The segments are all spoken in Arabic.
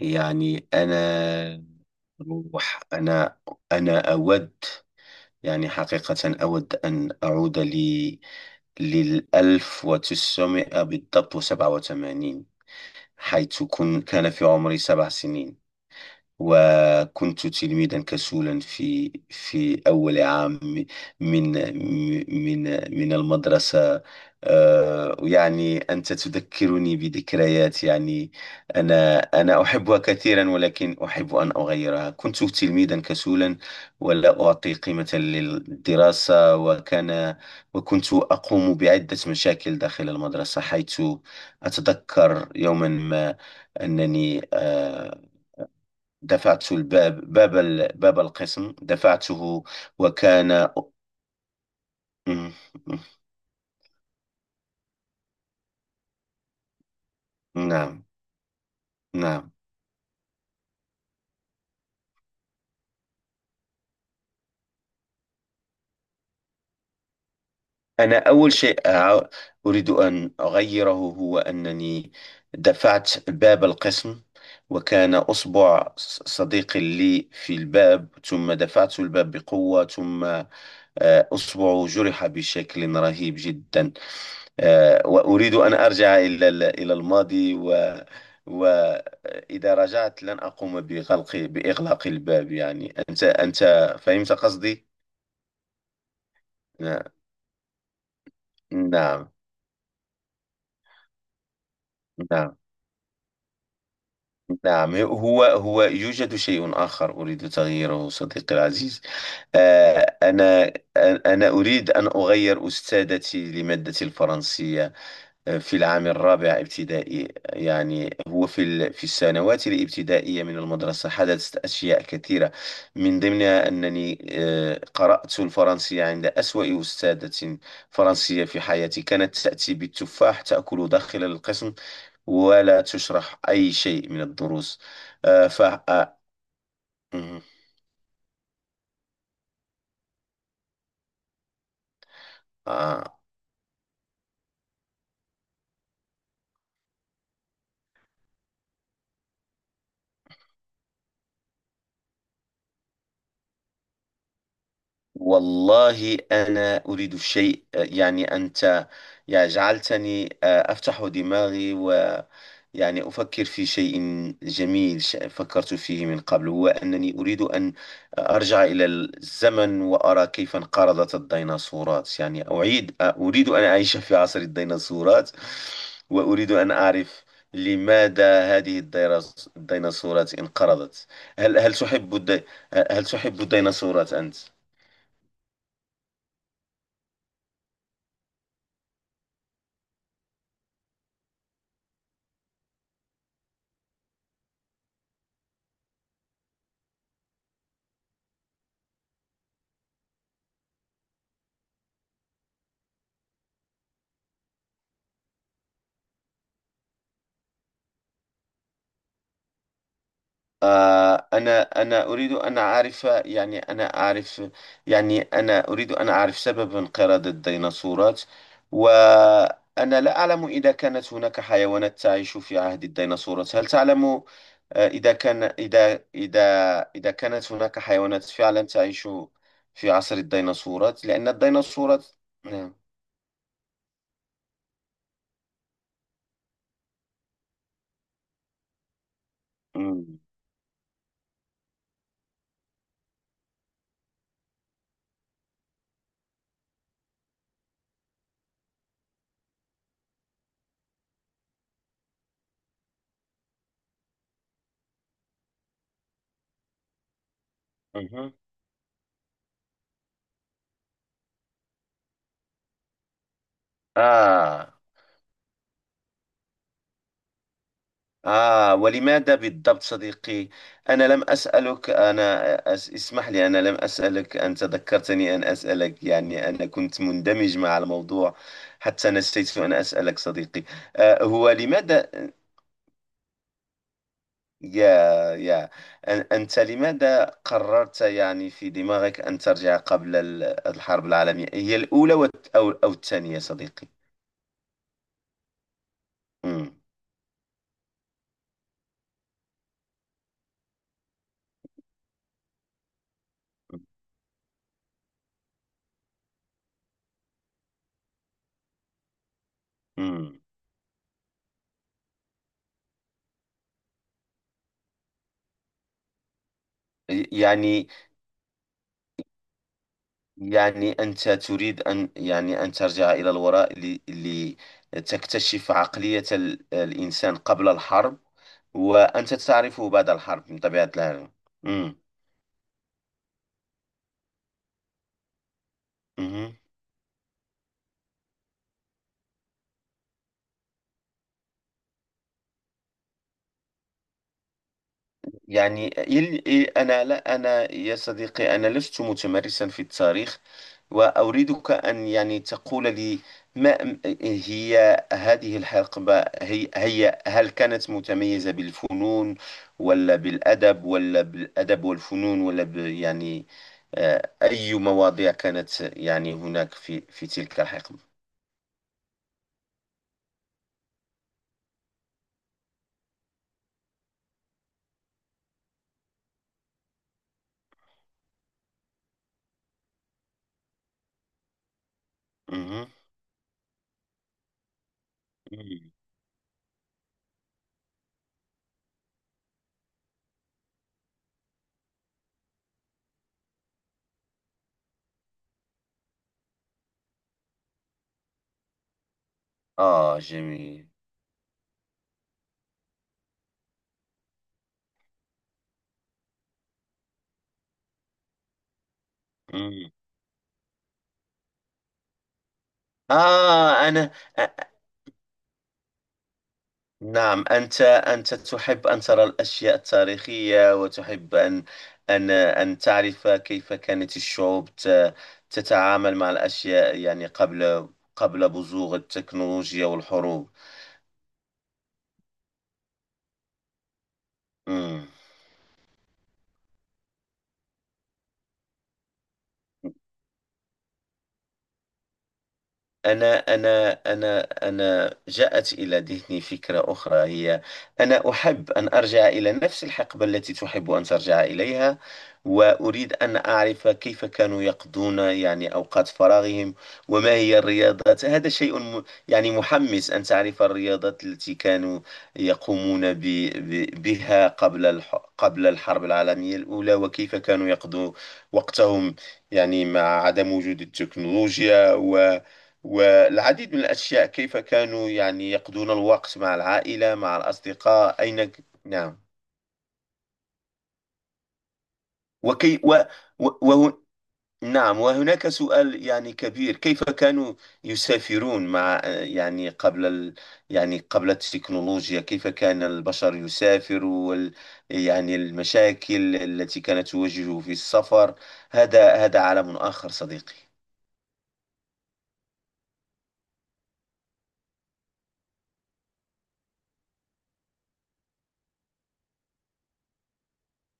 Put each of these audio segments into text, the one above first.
يعني روح أنا أنا أود، يعني حقيقة، أود أن أعود للألف وتسعمائة بالضبط وسبعة وثمانين، حيث كان في عمري 7 سنين، وكنت تلميذا كسولا في أول عام من من من المدرسة. يعني أنت تذكرني بذكريات. يعني أنا أحبها كثيرا، ولكن أحب أن أغيرها. كنت تلميذا كسولا ولا أعطي قيمة للدراسة، وكنت أقوم بعدة مشاكل داخل المدرسة، حيث أتذكر يوما ما أنني دفعت باب القسم، دفعته وكان. مم. نعم. نعم، أنا أول شيء أريد أن أغيره هو أنني دفعت باب القسم، وكان أصبع صديق لي في الباب، ثم دفعت الباب بقوة، ثم أصبعه جرح بشكل رهيب جدا. وأريد أن أرجع إلى الماضي، وإذا رجعت لن أقوم بإغلاق الباب. يعني أنت، فهمت قصدي؟ ن- نعم. نعم. نعم، هو يوجد شيء آخر أريد تغييره، صديقي العزيز. آه، أنا أنا أريد أن أغير أستاذتي لمادة الفرنسية في العام الرابع ابتدائي. يعني هو في السنوات الابتدائية من المدرسة حدثت أشياء كثيرة، من ضمنها أنني قرأت الفرنسية عند أسوأ أستاذة فرنسية في حياتي. كانت تأتي بالتفاح تأكل داخل القسم، ولا تشرح أي شيء من الدروس. آه، ف آه، مم، آه، والله أنا أريد الشيء، يعني أنت، يعني، جعلتني أفتح دماغي، ويعني أفكر في شيء جميل فكرت فيه من قبل، هو أنني أريد أن أرجع إلى الزمن، وأرى كيف انقرضت الديناصورات. يعني أعيد آه، أريد أن أعيش في عصر الديناصورات، وأريد أن أعرف لماذا هذه الديناصورات انقرضت. هل هل تحب الدي... هل تحب الديناصورات أنت؟ أنا أريد أن أعرف. يعني أنا أعرف، يعني أنا أريد أن أعرف سبب انقراض الديناصورات، وأنا لا أعلم إذا كانت هناك حيوانات تعيش في عهد الديناصورات. هل تعلم آه، إذا كان إذا إذا إذا كانت هناك حيوانات فعلا تعيش في عصر الديناصورات؟ لأن الديناصورات. نعم. مم. مهم. آه ولماذا بالضبط، صديقي؟ أنا لم أسألك. أنا أس اسمح لي، أنا لم أسألك، أنت ذكرتني أن أسألك، يعني أنا كنت مندمج مع الموضوع حتى نسيت أن أسألك، صديقي. هو لماذا، يا يا أنت لماذا قررت يعني في دماغك أن ترجع قبل الحرب العالمية، الأولى أو الثانية، صديقي؟ مم. مم. يعني، أنت تريد أن، يعني، أن ترجع إلى الوراء لتكتشف عقلية الإنسان قبل الحرب، وأنت تعرفه بعد الحرب من طبيعة الحال. مم. مهم. يعني إل- إل- أنا لا أنا، يا صديقي، أنا لست متمرسا في التاريخ، وأريدك أن، يعني، تقول لي ما م- هي هذه الحقبة، هي, هي هل كانت متميزة بالفنون، ولا بالأدب، ولا بالأدب والفنون، ولا ب يعني آه، أي مواضيع كانت، يعني، هناك في تلك الحقبة؟ مهم. مم. جميل. مم. آه أنا نعم. أنت تحب أن ترى الأشياء التاريخية، وتحب أن أن تعرف كيف كانت الشعوب تتعامل مع الأشياء، يعني، قبل بزوغ التكنولوجيا والحروب. مم. أنا أنا أنا أنا جاءت إلى ذهني فكرة أخرى، هي أنا أحب أن أرجع إلى نفس الحقبة التي تحب أن ترجع إليها، وأريد أن أعرف كيف كانوا يقضون، يعني، أوقات فراغهم، وما هي الرياضات. هذا شيء يعني محمس، أن تعرف الرياضات التي كانوا يقومون ب ب بها، قبل الحرب العالمية الأولى، وكيف كانوا يقضوا وقتهم، يعني مع عدم وجود التكنولوجيا والعديد من الأشياء. كيف كانوا، يعني، يقضون الوقت مع العائلة، مع الأصدقاء، نعم. وكي و... و... وه... نعم. وهناك سؤال، يعني، كبير، كيف كانوا يسافرون يعني، قبل يعني قبل التكنولوجيا، كيف كان البشر يسافر يعني المشاكل التي كانت تواجهه في السفر، هذا عالم آخر، صديقي.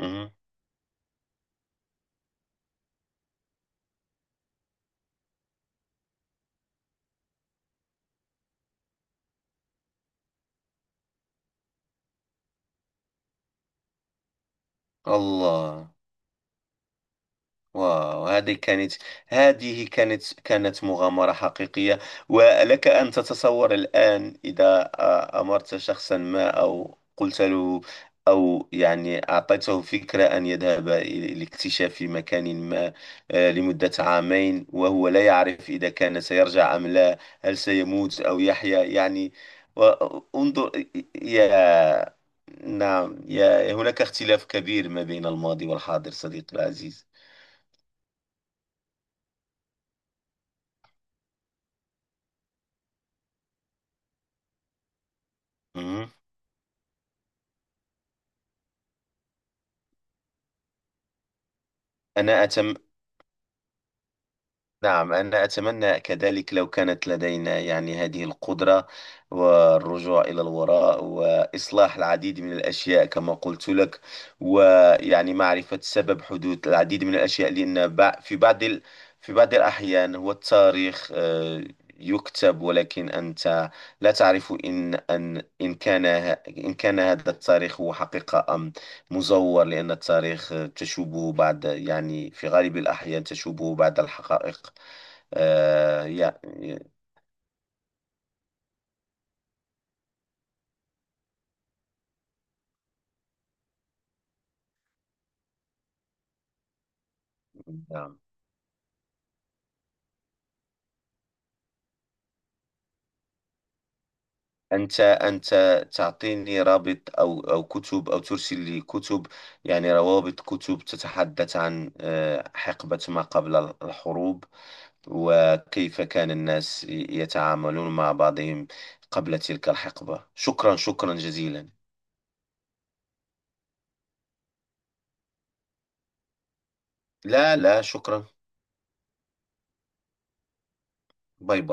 مهم. الله! واو، هذه كانت، مغامرة حقيقية، ولك أن تتصور الآن، إذا أمرت شخصا ما أو قلت له، أو يعني، أعطيته فكرة أن يذهب لاكتشاف مكان ما، لمدة عامين، وهو لا يعرف إذا كان سيرجع أم لا، هل سيموت أو يحيا، يعني. وانظر، يا نعم. هناك اختلاف كبير ما بين الماضي والحاضر، صديقي العزيز. مهم. أنا أتم... نعم، أنا أتمنى كذلك لو كانت لدينا، يعني، هذه القدرة، والرجوع إلى الوراء وإصلاح العديد من الأشياء كما قلت لك، ويعني معرفة سبب حدوث العديد من الأشياء. لأن في بعض في بعض الأحيان هو التاريخ يكتب، ولكن أنت لا تعرف إن أن إن كان ه- إن كان هذا التاريخ هو حقيقة أم مزور، لأن التاريخ تشوبه بعد، يعني، في غالب الأحيان تشوبه بعد الحقائق. يعني، نعم. أنت تعطيني رابط أو كتب، أو ترسل لي كتب، يعني روابط كتب تتحدث عن حقبة ما قبل الحروب، وكيف كان الناس يتعاملون مع بعضهم قبل تلك الحقبة. شكرا، شكرا جزيلا. لا، لا شكرا. باي باي.